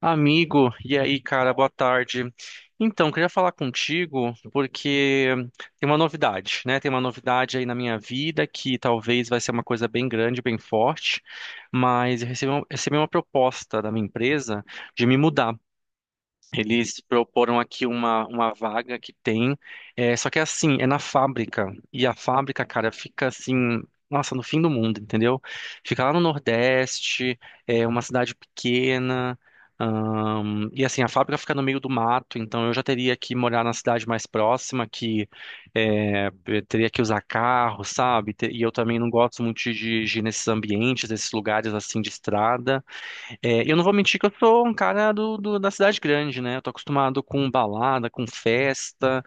Amigo, e aí, cara, boa tarde. Então, queria falar contigo porque tem uma novidade, né? Tem uma novidade aí na minha vida que talvez vai ser uma coisa bem grande, bem forte, mas eu recebi uma proposta da minha empresa de me mudar. Eles proporam aqui uma vaga só que é assim, é na fábrica. E a fábrica, cara, fica assim, nossa, no fim do mundo, entendeu? Fica lá no Nordeste, é uma cidade pequena. E assim, a fábrica fica no meio do mato, então eu já teria que morar na cidade mais próxima, que eu teria que usar carro, sabe? E eu também não gosto muito de dirigir nesses ambientes, nesses lugares assim de estrada. É, eu não vou mentir que eu sou um cara da cidade grande, né? Eu tô acostumado com balada, com festa,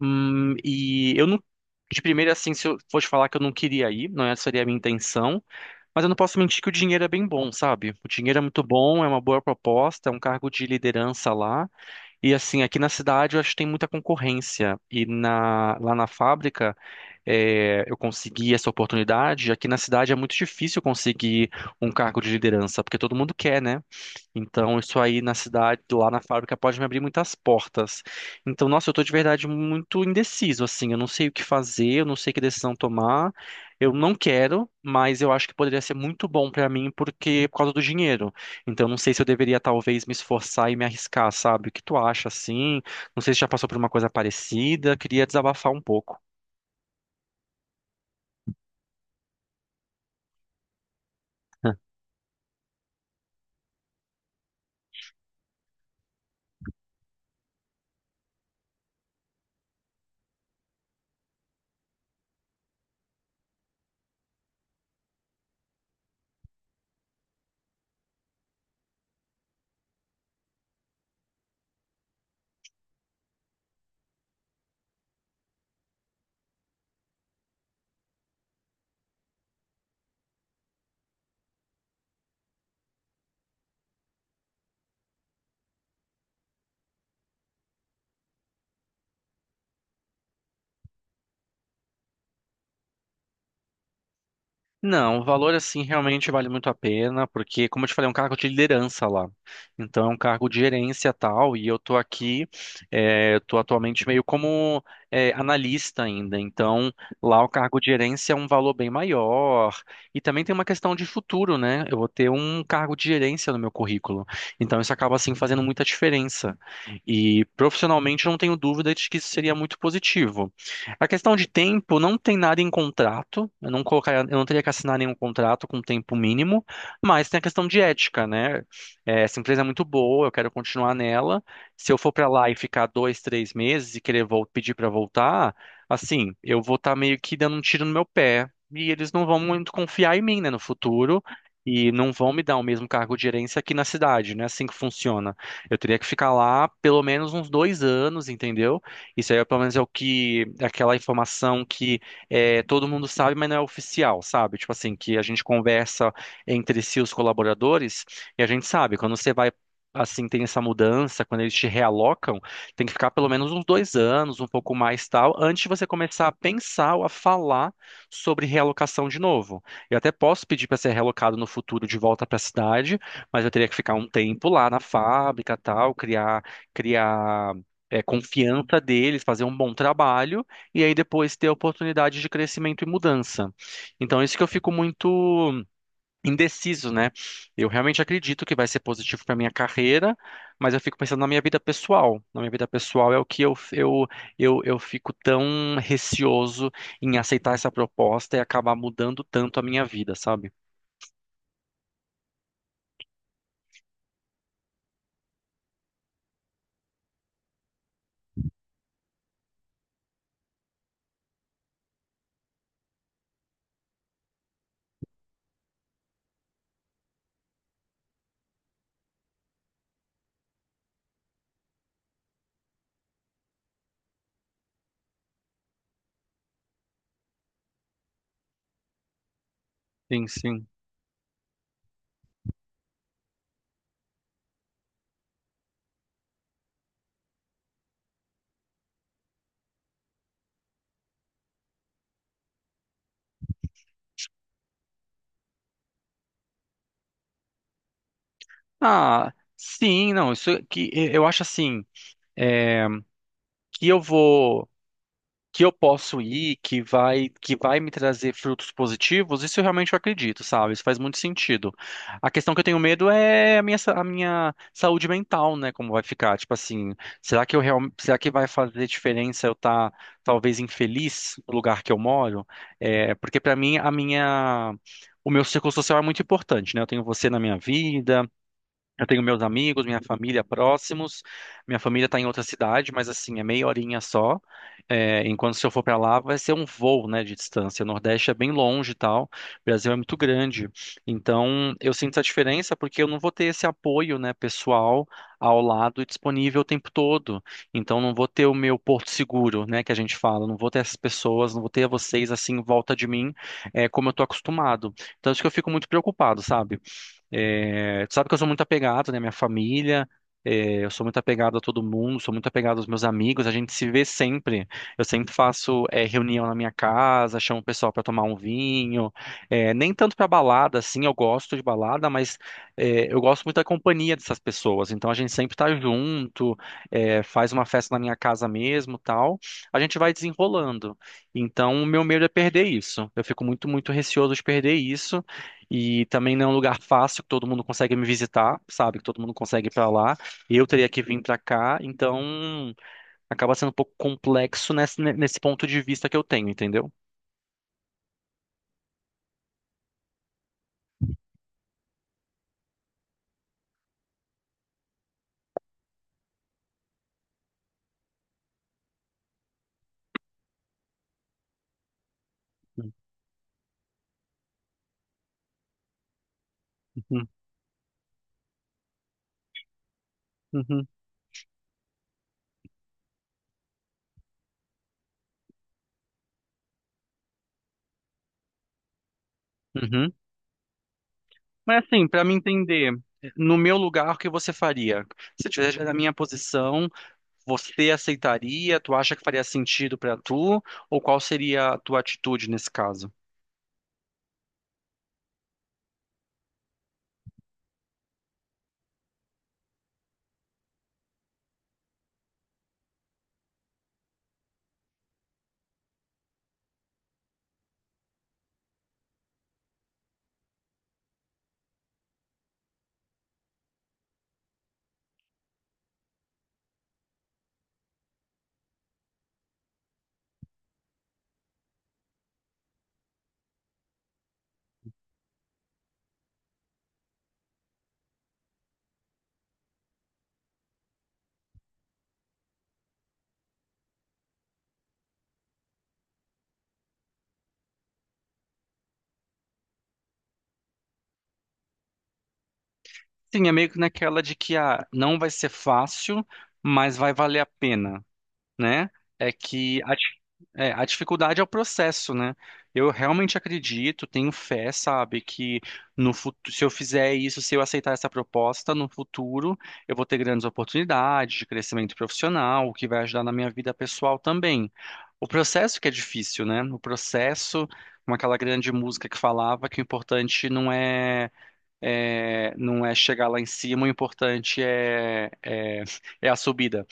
e eu não. De primeira, assim, se eu fosse falar que eu não queria ir, não essa seria a minha intenção, mas eu não posso mentir que o dinheiro é bem bom, sabe? O dinheiro é muito bom, é uma boa proposta, é um cargo de liderança lá, e assim, aqui na cidade eu acho que tem muita concorrência, e lá na fábrica eu consegui essa oportunidade, aqui na cidade é muito difícil conseguir um cargo de liderança, porque todo mundo quer, né? Então, isso aí na cidade, lá na fábrica, pode me abrir muitas portas. Então, nossa, eu tô de verdade muito indeciso, assim. Eu não sei o que fazer, eu não sei que decisão tomar. Eu não quero, mas eu acho que poderia ser muito bom pra mim porque é por causa do dinheiro. Então, não sei se eu deveria talvez me esforçar e me arriscar, sabe? O que tu acha, assim? Não sei se já passou por uma coisa parecida. Queria desabafar um pouco. Não, o valor assim realmente vale muito a pena, porque, como eu te falei, é um cargo de liderança lá. Então, é um cargo de gerência tal, e eu tô atualmente meio como analista ainda. Então, lá o cargo de gerência é um valor bem maior. E também tem uma questão de futuro, né? Eu vou ter um cargo de gerência no meu currículo. Então, isso acaba assim fazendo muita diferença. E profissionalmente, eu não tenho dúvida de que isso seria muito positivo. A questão de tempo não tem nada em contrato. Eu não colocaria, eu não teria que assinar nenhum contrato com tempo mínimo, mas tem a questão de ética, né? É, essa empresa é muito boa, eu quero continuar nela. Se eu for para lá e ficar 2, 3 meses e querer pedir para voltar, assim, eu vou estar meio que dando um tiro no meu pé e eles não vão muito confiar em mim, né, no futuro. E não vão me dar o mesmo cargo de gerência aqui na cidade, né? Assim que funciona. Eu teria que ficar lá pelo menos uns 2 anos, entendeu? Isso aí, pelo menos, é aquela informação que todo mundo sabe, mas não é oficial, sabe? Tipo assim, que a gente conversa entre si, os colaboradores, e a gente sabe, quando você vai, assim, tem essa mudança, quando eles te realocam, tem que ficar pelo menos uns 2 anos, um pouco mais tal, antes de você começar a pensar ou a falar sobre realocação de novo. Eu até posso pedir para ser realocado no futuro de volta para a cidade, mas eu teria que ficar um tempo lá na fábrica, tal, criar criar confiança deles, fazer um bom trabalho e aí depois ter oportunidade de crescimento e mudança. Então, isso que eu fico muito indeciso, né? Eu realmente acredito que vai ser positivo para minha carreira, mas eu fico pensando na minha vida pessoal. Na minha vida pessoal é o que eu fico tão receoso em aceitar essa proposta e acabar mudando tanto a minha vida, sabe? Sim, sim. Ah, sim, não, isso que eu acho assim, que eu vou que eu posso ir, que vai me trazer frutos positivos, isso eu realmente acredito, sabe? Isso faz muito sentido. A questão que eu tenho medo é a minha saúde mental, né? Como vai ficar? Tipo assim, será que vai fazer diferença eu estar talvez infeliz no lugar que eu moro? É, porque para mim a minha O meu círculo social é muito importante, né? Eu tenho você na minha vida, eu tenho meus amigos, minha família próximos. Minha família está em outra cidade, mas assim, é meia horinha só. É, enquanto se eu for para lá, vai ser um voo, né, de distância. O Nordeste é bem longe e tal. O Brasil é muito grande. Então, eu sinto essa diferença porque eu não vou ter esse apoio, né, pessoal ao lado e disponível o tempo todo. Então, não vou ter o meu porto seguro, né, que a gente fala. Não vou ter essas pessoas, não vou ter vocês assim em volta de mim, como eu tô acostumado. Então, acho que eu fico muito preocupado, sabe? É, tu sabe que eu sou muito apegado, né? Minha família, eu sou muito apegado a todo mundo, sou muito apegado aos meus amigos, a gente se vê sempre. Eu sempre faço, reunião na minha casa, chamo o pessoal para tomar um vinho. É, nem tanto para balada, assim, eu gosto de balada, mas eu gosto muito da companhia dessas pessoas. Então a gente sempre tá junto, faz uma festa na minha casa mesmo, tal. A gente vai desenrolando. Então o meu medo é perder isso. Eu fico muito, muito receoso de perder isso. E também não é um lugar fácil que todo mundo consegue me visitar, sabe? Que todo mundo consegue ir pra lá. Eu teria que vir pra cá, então acaba sendo um pouco complexo nesse ponto de vista que eu tenho, entendeu? Uhum, uhum, uhum. Mas assim, pra me entender, no meu lugar, o que você faria? Se tivesse na minha posição, você aceitaria? Tu acha que faria sentido pra tu? Ou qual seria a tua atitude nesse caso? Sim, é meio que naquela de que ah, não vai ser fácil, mas vai valer a pena. Né? É que a dificuldade é o processo, né? Eu realmente acredito, tenho fé, sabe, que no futuro, se eu fizer isso, se eu aceitar essa proposta, no futuro eu vou ter grandes oportunidades de crescimento profissional, o que vai ajudar na minha vida pessoal também. O processo que é difícil, né? O processo, como aquela grande música que falava que o importante não é, é não é chegar lá em cima, o importante é, é a subida.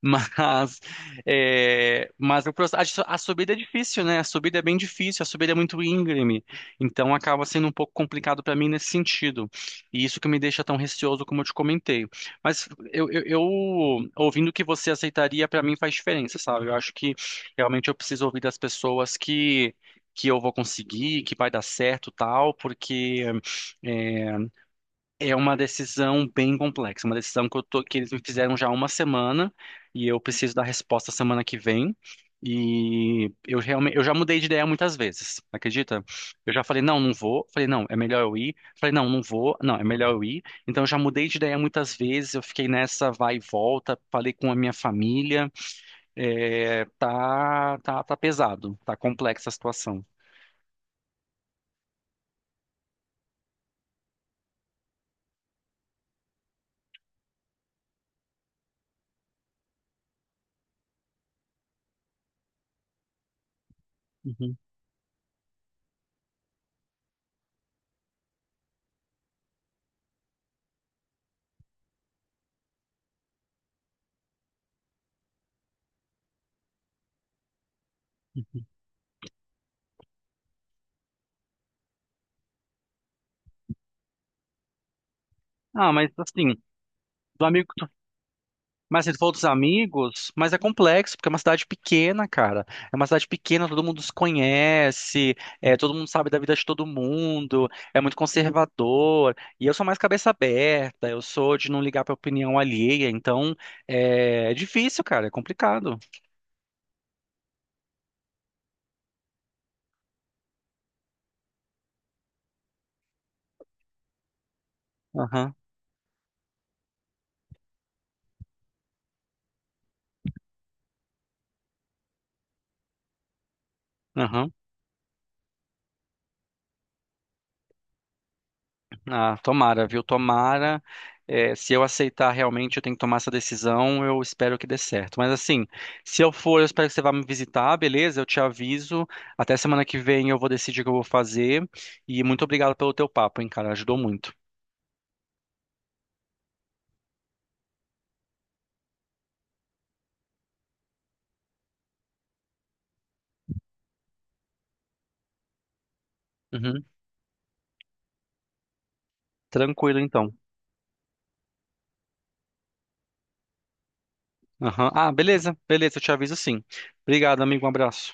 Mas, mas o proce- a, su- a subida é difícil, né? A subida é bem difícil, a subida é muito íngreme. Então acaba sendo um pouco complicado para mim nesse sentido. E isso que me deixa tão receoso como eu te comentei. Mas eu ouvindo que você aceitaria, para mim faz diferença, sabe? Eu acho que realmente eu preciso ouvir das pessoas que eu vou conseguir, que vai dar certo, tal, porque eh, é uma decisão bem complexa, uma decisão que eles me fizeram já há uma semana e eu preciso da resposta semana que vem. E eu realmente, eu já mudei de ideia muitas vezes, acredita? Eu já falei, não, não vou. Falei, não, é melhor eu ir. Falei, não, não vou. Não, é melhor eu ir. Então eu já mudei de ideia muitas vezes. Eu fiquei nessa vai e volta. Falei com a minha família. É, tá, tá, tá pesado. Tá complexa a situação. Uhum. Ah, mas assim, do amigo Mas se tu for dos amigos, mas é complexo, porque é uma cidade pequena, cara. É uma cidade pequena, todo mundo se conhece, todo mundo sabe da vida de todo mundo, é muito conservador. E eu sou mais cabeça aberta, eu sou de não ligar pra opinião alheia, então é difícil, cara, é complicado. Aham, aham. Ah, tomara, viu? Tomara. É, se eu aceitar realmente, eu tenho que tomar essa decisão. Eu espero que dê certo. Mas assim, se eu for, eu espero que você vá me visitar, beleza? Eu te aviso. Até semana que vem eu vou decidir o que eu vou fazer. E muito obrigado pelo teu papo, hein, cara? Ajudou muito. Uhum. Tranquilo, então. Aham. Ah, beleza, beleza, eu te aviso sim. Obrigado, amigo. Um abraço.